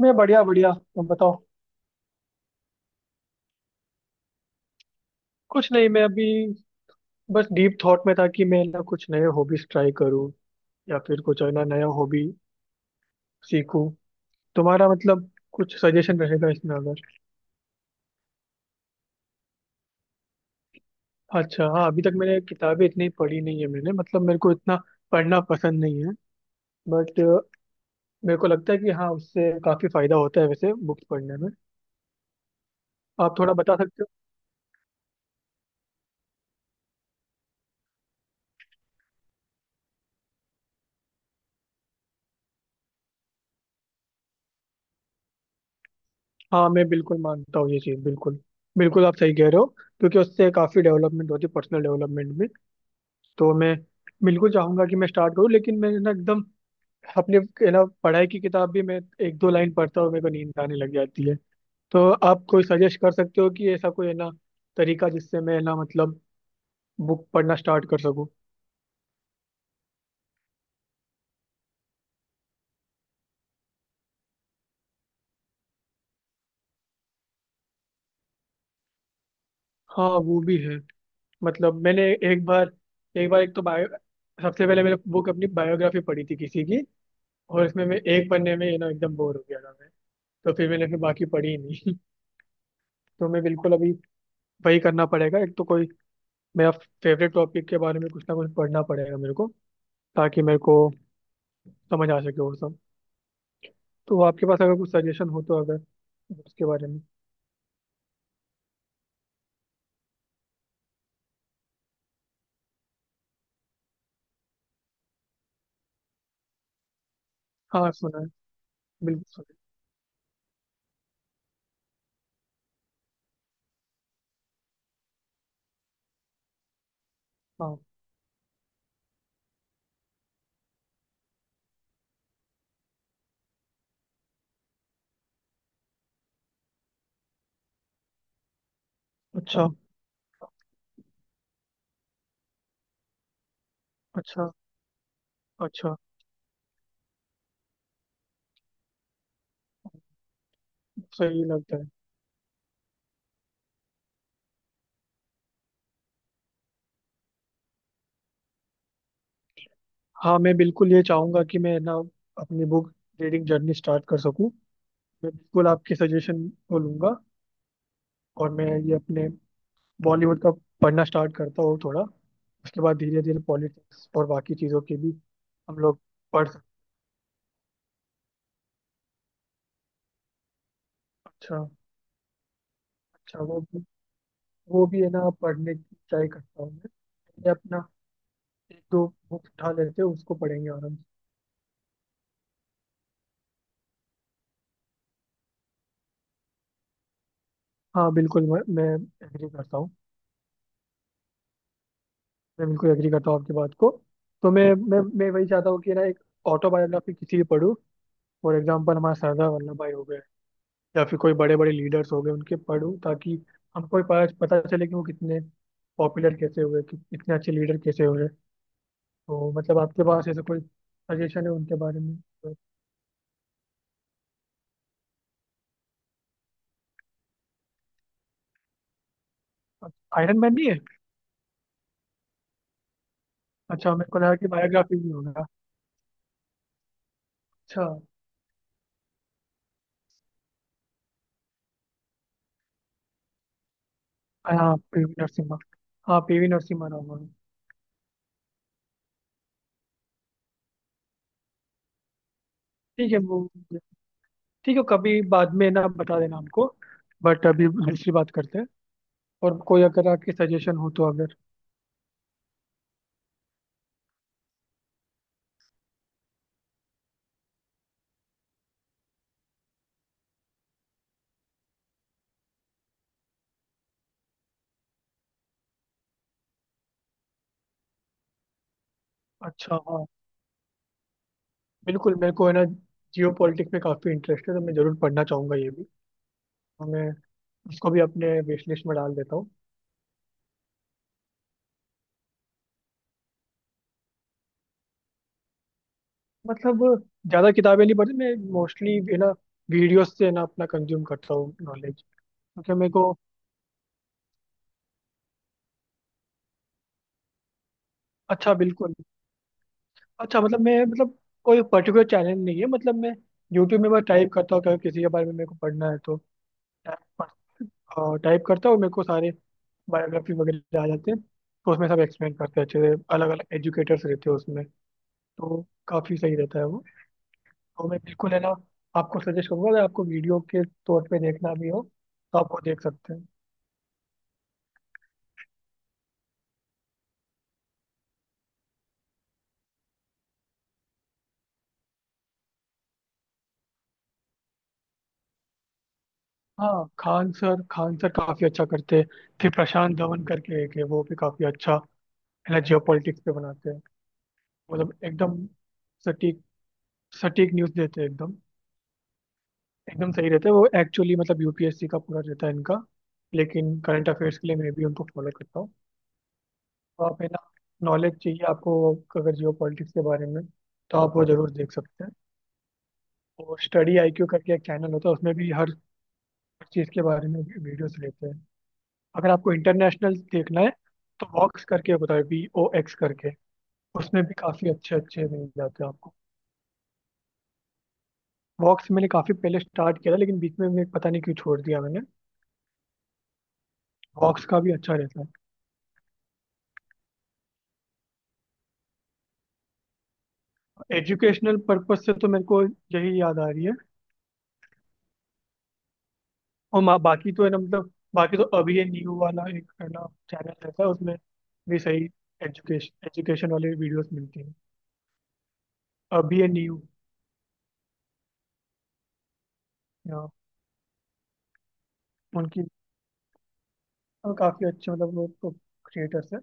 मैं बढ़िया बढ़िया। तुम बताओ। कुछ नहीं, मैं अभी बस डीप थॉट में था कि मैं ना कुछ नए हॉबीज ट्राई करूँ या फिर कुछ है ना, नया हॉबी सीखूं। तुम्हारा मतलब, कुछ सजेशन रहेगा इसमें अगर। अच्छा, हाँ, अभी तक मैंने किताबें इतनी पढ़ी नहीं है। मैंने मतलब मेरे को इतना पढ़ना पसंद नहीं है। बट मेरे को लगता है कि हाँ, उससे काफी फायदा होता है वैसे बुक्स पढ़ने में। आप थोड़ा बता सकते हो? हाँ, मैं बिल्कुल मानता हूँ ये चीज़। बिल्कुल बिल्कुल, आप सही कह रहे हो। क्योंकि उससे काफी डेवलपमेंट होती है पर्सनल डेवलपमेंट में। तो मैं बिल्कुल चाहूंगा कि मैं स्टार्ट करूँ, लेकिन मैं ना एकदम अपने, है ना, पढ़ाई की किताब भी मैं एक दो लाइन पढ़ता हूँ, मेरे को नींद आने लग जाती है। तो आप कोई सजेस्ट कर सकते हो कि ऐसा कोई, है ना, तरीका जिससे मैं, है ना, मतलब बुक पढ़ना स्टार्ट कर सकूँ? हाँ, वो भी है। मतलब मैंने एक बार, एक बार, एक तो बायो सबसे पहले मैंने बुक अपनी बायोग्राफी पढ़ी थी किसी की। और इसमें मैं एक पन्ने में एकदम बोर हो गया था मैं। तो फिर मैंने फिर बाकी पढ़ी ही नहीं। तो मैं बिल्कुल अभी वही करना पड़ेगा, एक तो कोई मेरा फेवरेट टॉपिक के बारे में कुछ ना कुछ पढ़ना पड़ेगा मेरे को, ताकि मेरे को समझ आ सके वो सब। तो आपके पास अगर कुछ सजेशन हो तो, अगर उसके बारे में। हाँ सुना है। बिल्कुल सुना है। हाँ। अच्छा। अच्छा। अच्छा। सही लगता है। हाँ, मैं बिल्कुल ये चाहूंगा कि मैं ना अपनी बुक रीडिंग जर्नी स्टार्ट कर सकूँ। मैं बिल्कुल आपके सजेशन को लूंगा। और मैं ये अपने बॉलीवुड का पढ़ना स्टार्ट करता हूँ थोड़ा, उसके बाद धीरे धीरे पॉलिटिक्स और बाकी चीज़ों के भी हम लोग पढ़ सकते। अच्छा। अच्छा। वो भी है ना, पढ़ने की ट्राई करता हूँ मैं। मैं अपना एक दो बुक उठा लेते हैं, उसको पढ़ेंगे आराम से। हाँ बिल्कुल, मैं एग्री करता हूँ। मैं बिल्कुल एग्री करता हूँ आपकी बात को। तो मैं वही चाहता हूँ कि ना एक ऑटोबायोग्राफी किसी की पढूं। फॉर एग्जाम्पल हमारा सरदार वल्लभ भाई हो गए, या फिर कोई बड़े बड़े लीडर्स हो गए, उनके पढूं ताकि हमको भी पता पता चले कि वो कितने पॉपुलर कैसे हुए, कि कितने अच्छे लीडर कैसे हुए। तो मतलब आपके पास ऐसा कोई सजेशन है उनके बारे में? तो, आयरन मैन नहीं है? अच्छा, मेरे को लगा कि बायोग्राफी भी होगा। अच्छा। हाँ पीवी नरसिम्हा। हाँ पीवी नरसिम्हा राव वाला। ठीक है वो, ठीक है, कभी बाद में ना बता देना हमको। बट अभी दूसरी बात करते हैं। और कोई अगर आपके सजेशन हो तो, अगर। अच्छा हाँ, बिल्कुल मेरे को है ना जियो पॉलिटिक्स में काफ़ी इंटरेस्ट है, तो मैं ज़रूर पढ़ना चाहूँगा ये भी। तो मैं इसको भी अपने विश लिस्ट में डाल देता हूँ। मतलब ज़्यादा किताबें नहीं पढ़ती मैं, मोस्टली है ना वीडियोस से है ना अपना कंज्यूम करता हूँ नॉलेज। क्योंकि मेरे को। अच्छा, बिल्कुल। अच्छा, मतलब मैं मतलब, कोई पर्टिकुलर चैनल नहीं है, मतलब मैं यूट्यूब में बस टाइप करता हूँ, कभी किसी के बारे में मेरे को पढ़ना है तो टाइप करता हूँ, मेरे को सारे बायोग्राफी वगैरह आ जाते हैं। तो उसमें सब एक्सप्लेन करते हैं अच्छे से, अलग अलग एजुकेटर्स रहते हैं उसमें। तो काफ़ी सही रहता है वो। तो मैं बिल्कुल है ना आपको सजेस्ट करूँगा, अगर आपको वीडियो के तौर पे देखना भी हो तो आप वो देख सकते हैं। हाँ, खान सर, खान सर काफ़ी अच्छा करते हैं। फिर प्रशांत धवन करके एक है, वो भी काफ़ी अच्छा है ना, जियो पे बनाते हैं। मतलब एकदम सटीक सटीक न्यूज़ देते हैं, एकदम एकदम सही रहते हैं वो। एक्चुअली मतलब यूपीएससी का पूरा रहता है इनका। लेकिन करंट अफेयर्स के लिए मैं भी उनको फॉलो करता हूँ। तो आप, है ना, नॉलेज चाहिए आपको अगर जियो पॉलिटिक्स के बारे में, तो आप वो जरूर देख सकते हैं। और स्टडी आईक्यू करके एक चैनल होता है, उसमें भी हर चीज़ के बारे में वीडियोस लेते हैं। अगर आपको इंटरनेशनल देखना है, तो वॉक्स करके होता है, VOX करके, उसमें भी काफ़ी अच्छे अच्छे मिल जाते हैं आपको। वॉक्स मैंने काफी पहले स्टार्ट किया था, लेकिन बीच में मैं पता नहीं क्यों छोड़ दिया मैंने। वॉक्स का भी अच्छा रहता है। एजुकेशनल पर्पज से तो मेरे को यही याद आ रही है। और बाकी तो है ना, मतलब बाकी तो अभी ये न्यू वाला एक है ना चैनल रहता है, उसमें भी सही। एजुकेशन एजुकेशन वाले वीडियोस मिलती हैं। अभी ये न्यू उनकी, और काफी अच्छे मतलब वो तो क्रिएटर्स है।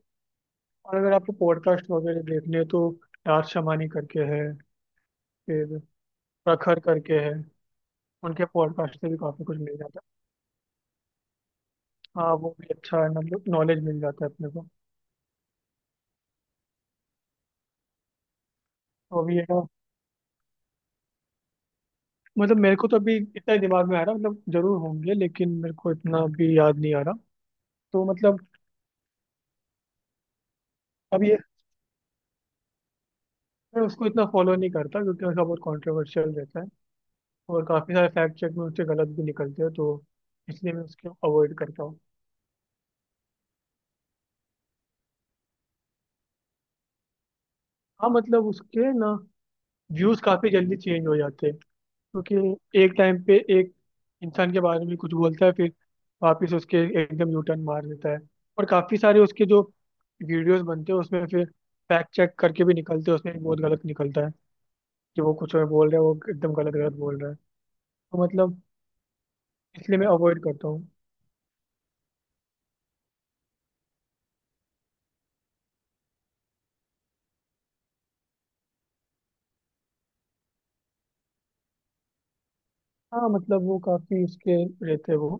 और अगर आपको पॉडकास्ट वगैरह देखने हैं, तो यार शमानी करके है, फिर प्रखर करके है, उनके पॉडकास्ट से भी काफी कुछ मिल जाता है। हाँ वो भी अच्छा है, मतलब नॉलेज मिल जाता है अपने को। तो अभी ये ना, मतलब मेरे को तो अभी इतना दिमाग में आ रहा, मतलब जरूर होंगे लेकिन मेरे को इतना अभी याद नहीं आ रहा, तो मतलब। अब ये, मैं उसको इतना फॉलो नहीं करता क्योंकि उसका बहुत कॉन्ट्रोवर्शियल रहता है। और काफ़ी सारे फैक्ट चेक में उससे गलत भी निकलते हैं, तो इसलिए मैं उसको अवॉइड करता हूँ। हाँ मतलब उसके ना व्यूज़ काफ़ी जल्दी चेंज हो जाते हैं। क्योंकि एक टाइम पे एक इंसान के बारे में कुछ बोलता है, फिर वापस उसके एकदम यू टर्न मार देता है। और काफी सारे उसके जो वीडियोस बनते हैं उसमें फिर फैक्ट चेक करके भी निकलते हैं, उसमें भी बहुत गलत निकलता है, कि वो कुछ और बोल रहा है, वो एकदम गलत गलत बोल रहा है। तो मतलब इसलिए मैं अवॉइड करता हूँ। हाँ मतलब, वो काफी उसके रहते हैं वो।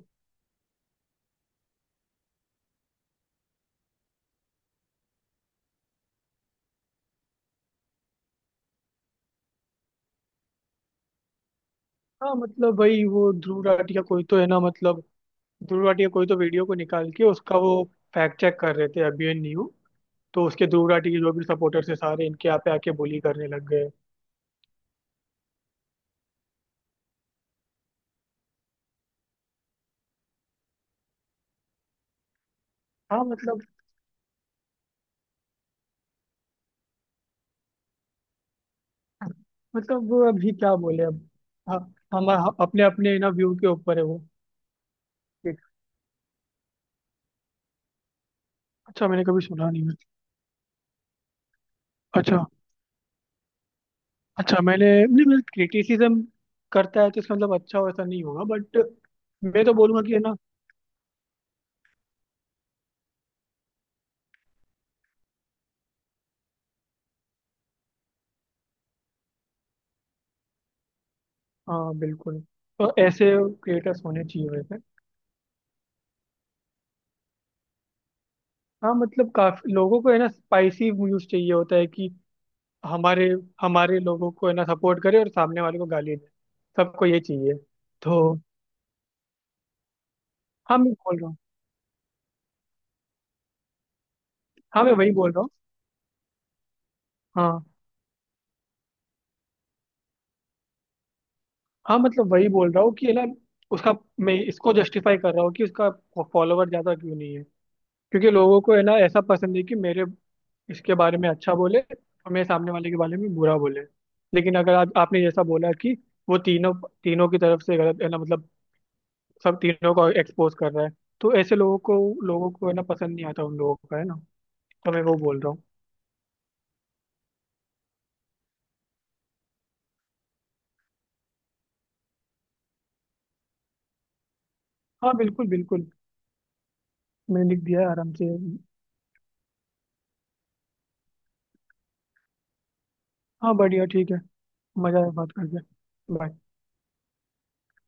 हाँ मतलब वही, वो ध्रुव राठी का कोई तो है ना, मतलब ध्रुव राठी का कोई तो वीडियो को निकाल के उसका वो फैक्ट चेक कर रहे थे अभी एंड न्यू। तो उसके ध्रुव राठी के जो भी सपोर्टर्स है, सारे इनके यहाँ पे आके बोली करने लग गए। हाँ मतलब वो अभी क्या बोले अब। हाँ हम अपने अपने ना व्यू के ऊपर है वो। ठीक। अच्छा मैंने कभी सुना नहीं है। अच्छा। अच्छा, मैंने नहीं, मतलब क्रिटिसिज्म करता है तो इसका मतलब अच्छा वैसा नहीं होगा। बट मैं तो बोलूंगा कि है ना। हाँ बिल्कुल। तो ऐसे क्रिएटर्स होने चाहिए वैसे। हाँ मतलब, काफी लोगों को है ना स्पाइसी न्यूज चाहिए होता है कि हमारे हमारे लोगों को है ना सपोर्ट करे और सामने वाले को गाली दे। सबको ये चाहिए। तो हाँ मैं बोल रहा हूँ। हाँ मैं वही बोल रहा हूँ। हाँ हाँ, मतलब वही बोल रहा हूँ कि है ना उसका, मैं इसको जस्टिफाई कर रहा हूँ कि उसका फॉलोवर ज़्यादा क्यों नहीं है। क्योंकि लोगों को है ना ऐसा पसंद है कि मेरे इसके बारे में अच्छा बोले और मेरे सामने वाले के बारे में बुरा बोले। लेकिन अगर आप आपने जैसा बोला, कि वो तीनों तीनों की तरफ से गलत है ना, मतलब सब तीनों को एक्सपोज कर रहा है। तो ऐसे लोगों को है ना पसंद नहीं आता उन लोगों का है ना। तो मैं वो बोल रहा हूँ। हाँ बिल्कुल बिल्कुल। मैंने लिख दिया है आराम से। हाँ बढ़िया, ठीक है। मजा आया बात करके। Bye.